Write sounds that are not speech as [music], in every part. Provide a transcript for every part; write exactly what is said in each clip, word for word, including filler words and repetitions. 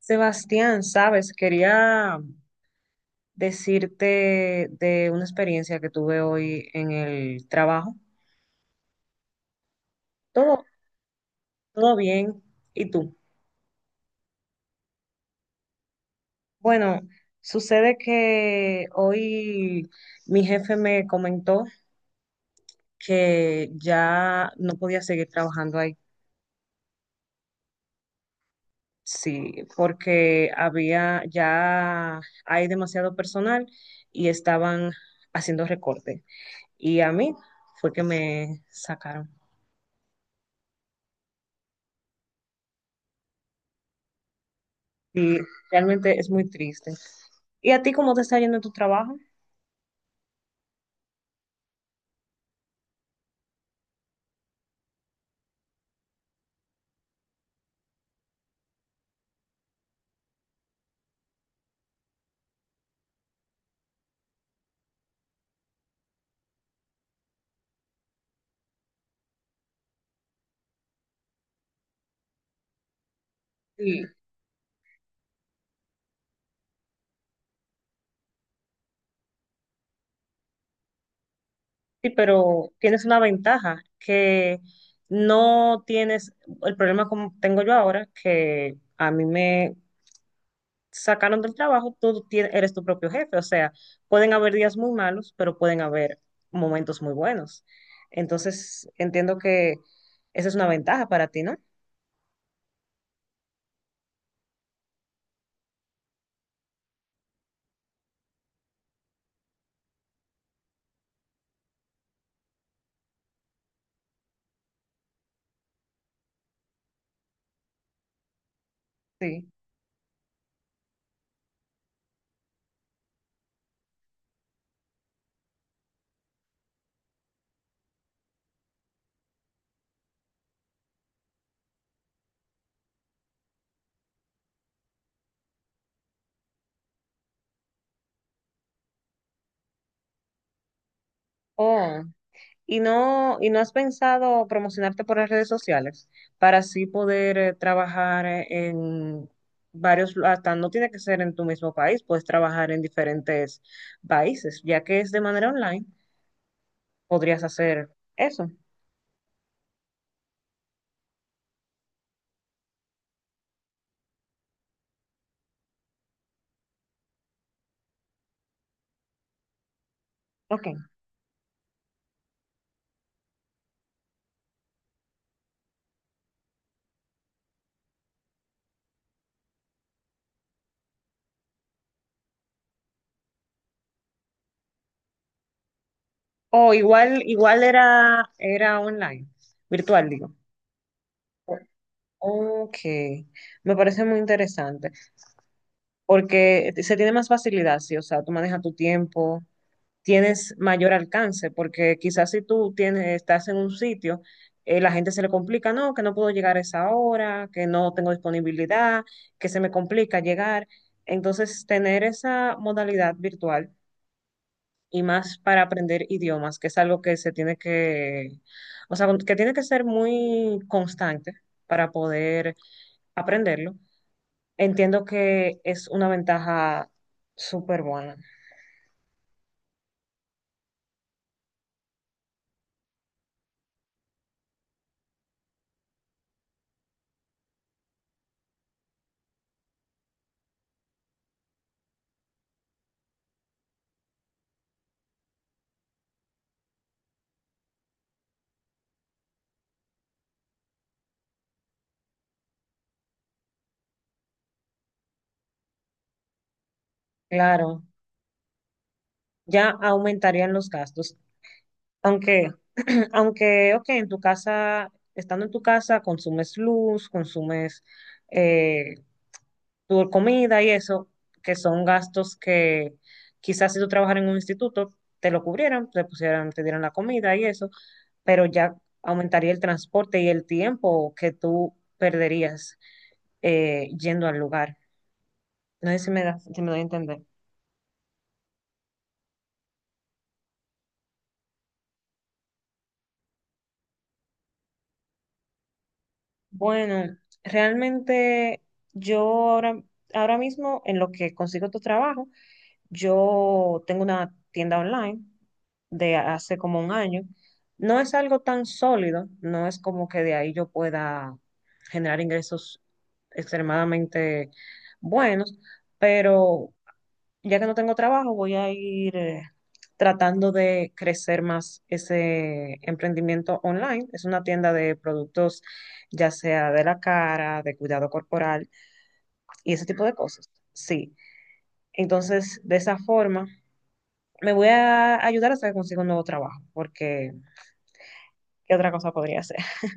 Sebastián, sabes, quería decirte de una experiencia que tuve hoy en el trabajo. Todo, todo bien. ¿Y tú? Bueno, sucede que hoy mi jefe me comentó que ya no podía seguir trabajando ahí. Sí, porque había, ya hay demasiado personal y estaban haciendo recorte. Y a mí fue que me sacaron. Sí, realmente es muy triste. ¿Y a ti cómo te está yendo en tu trabajo? Sí, sí, pero tienes una ventaja que no tienes el problema como tengo yo ahora, que a mí me sacaron del trabajo, tú tie- eres tu propio jefe, o sea, pueden haber días muy malos, pero pueden haber momentos muy buenos. Entonces, entiendo que esa es una ventaja para ti, ¿no? Sí. Oh. ¿Y no, y no has pensado promocionarte por las redes sociales para así poder eh, trabajar eh, en varios, lu- hasta no tiene que ser en tu mismo país, puedes trabajar en diferentes países, ya que es de manera online, podrías hacer eso. Ok. O igual, igual era, era online, virtual, digo. Ok, me parece muy interesante, porque se tiene más facilidad, sí, o sea, tú manejas tu tiempo, tienes mayor alcance, porque quizás si tú tienes, estás en un sitio, eh, la gente se le complica, no, que no puedo llegar a esa hora, que no tengo disponibilidad, que se me complica llegar. Entonces, tener esa modalidad virtual y más para aprender idiomas, que es algo que se tiene que, o sea, que tiene que ser muy constante para poder aprenderlo. Entiendo que es una ventaja súper buena. Claro, ya aumentarían los gastos. Aunque, [clears throat] aunque, ok, en tu casa, estando en tu casa, consumes luz, consumes eh, tu comida y eso, que son gastos que quizás si tú trabajas en un instituto, te lo cubrieran, te pusieran, te dieran la comida y eso, pero ya aumentaría el transporte y el tiempo que tú perderías eh, yendo al lugar. No sé si me da, si me doy a entender. Bueno, realmente yo ahora, ahora mismo en lo que consigo tu trabajo, yo tengo una tienda online de hace como un año. No es algo tan sólido, no es como que de ahí yo pueda generar ingresos extremadamente buenos, pero ya que no tengo trabajo, voy a ir eh, tratando de crecer más ese emprendimiento online. Es una tienda de productos, ya sea de la cara, de cuidado corporal y ese tipo de cosas. Sí. Entonces, de esa forma me voy a ayudar hasta que consiga un nuevo trabajo, porque ¿qué otra cosa podría hacer? [laughs]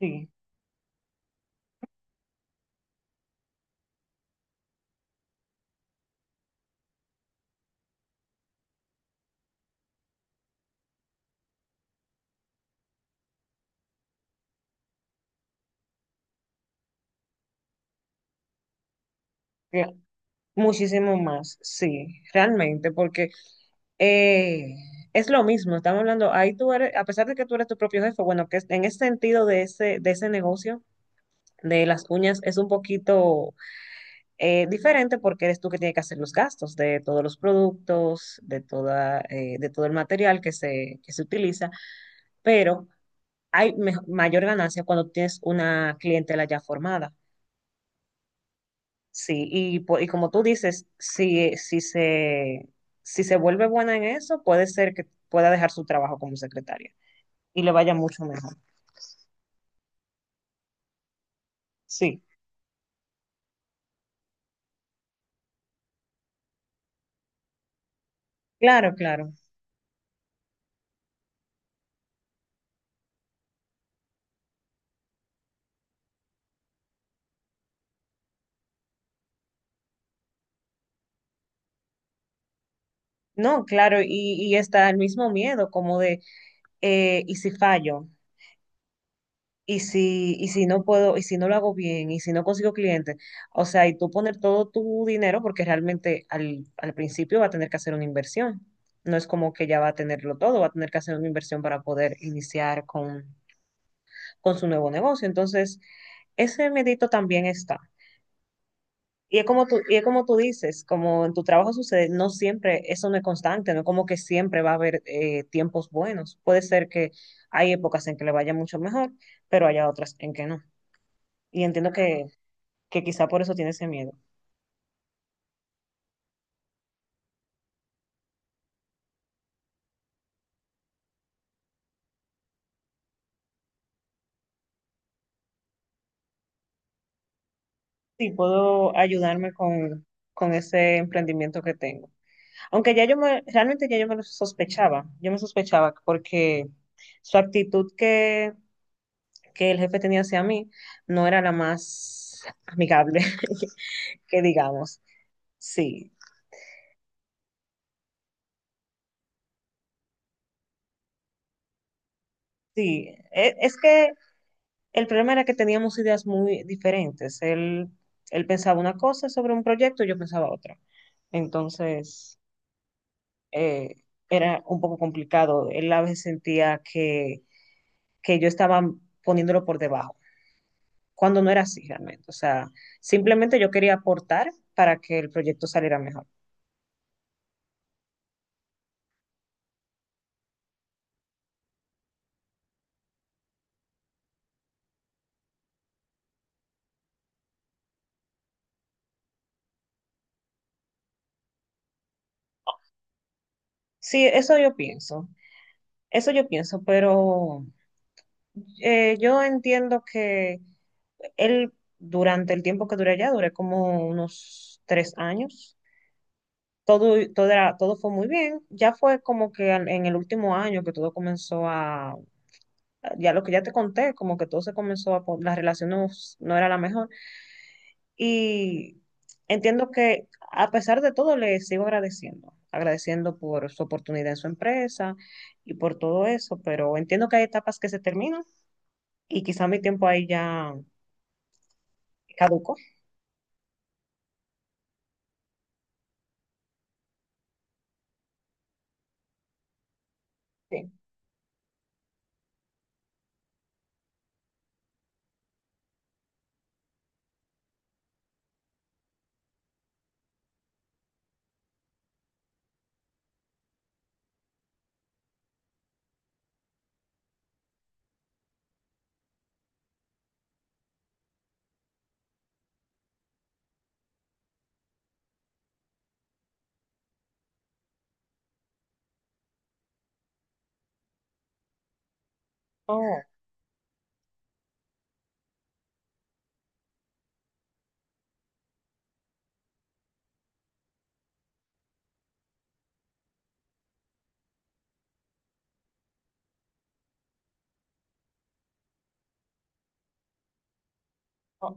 Sí, que- muchísimo más, sí, realmente, porque eh, es lo mismo, estamos hablando, ahí tú eres, a pesar de que tú eres tu propio jefe, bueno, que es- en ese sentido de ese, de ese, negocio. De las uñas es un poquito eh, diferente porque eres tú que tienes que hacer los gastos de todos los productos, de toda, eh, de todo el material que se, que se utiliza, pero hay me- mayor ganancia cuando tienes una clientela ya formada. Sí, y, po- y como tú dices, si, si se, si se vuelve buena en eso, puede ser que pueda dejar su trabajo como secretaria y le vaya mucho mejor. Sí, claro, claro. No, claro, y, y está el mismo miedo como de, eh, ¿y si fallo? ¿Y si, y si no puedo, y si no lo hago bien, y si no consigo clientes? O sea, y tú poner todo tu dinero porque realmente al, al principio va a tener que hacer una inversión. No es como que ya va a tenerlo todo, va a tener que hacer una inversión para poder iniciar con con su nuevo negocio. Entonces, ese medito también está. Y es, como tú, y es como tú dices, como en tu trabajo sucede, no siempre, eso no es constante, no es como que siempre va a haber eh, tiempos buenos. Puede ser que hay épocas en que le vaya mucho mejor, pero haya otras en que no. Y entiendo que, que quizá por eso tiene ese miedo. Sí, puedo ayudarme con, con ese emprendimiento que tengo. Aunque ya yo me, realmente ya yo me lo sospechaba, yo me sospechaba porque su actitud que que el jefe tenía hacia mí no era la más amigable, [laughs] que digamos. Sí, sí. E- Es que el problema era que teníamos ideas muy diferentes. Él, él pensaba una cosa sobre un proyecto, y yo pensaba otra. Entonces, eh, era un poco complicado. Él a veces sentía que, que yo estaba poniéndolo por debajo, cuando no era así realmente. O sea, simplemente yo quería aportar para que el proyecto saliera mejor. Sí, eso yo pienso. Eso yo pienso, pero eh, yo entiendo que él durante el tiempo que duré allá, duré como unos tres años, todo, todo, era- todo fue muy bien. Ya fue como que al- en el último año que todo comenzó a, ya lo que ya te conté, como que todo se comenzó a, po- la relación no, no era la mejor. Y entiendo que a pesar de todo le sigo agradeciendo, agradeciendo por su oportunidad en su empresa y por todo eso, pero entiendo que hay etapas que se terminan. Y quizá mi tiempo ahí ya caduco. Sí. Oh, oh,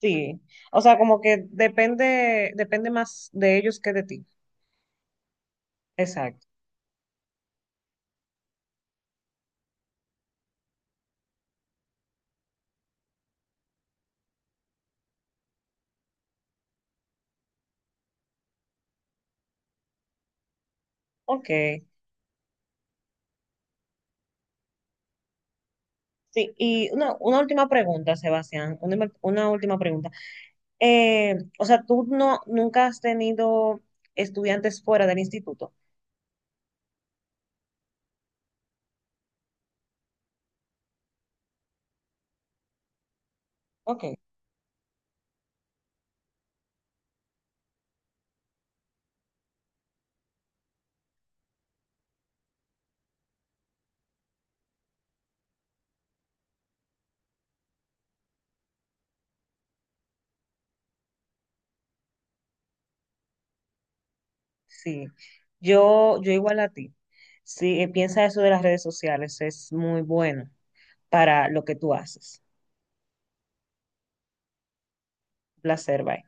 sí. O sea, como que depende, depende más de ellos que de ti. Exacto. Ok. Sí, y una, una última pregunta, Sebastián, una, una última pregunta. Eh, o sea, tú no, nunca has tenido estudiantes fuera del instituto. Ok. Sí, yo, yo igual a ti. Sí, eh, piensa eso de las redes sociales, es muy bueno para lo que tú haces. Placer, bye.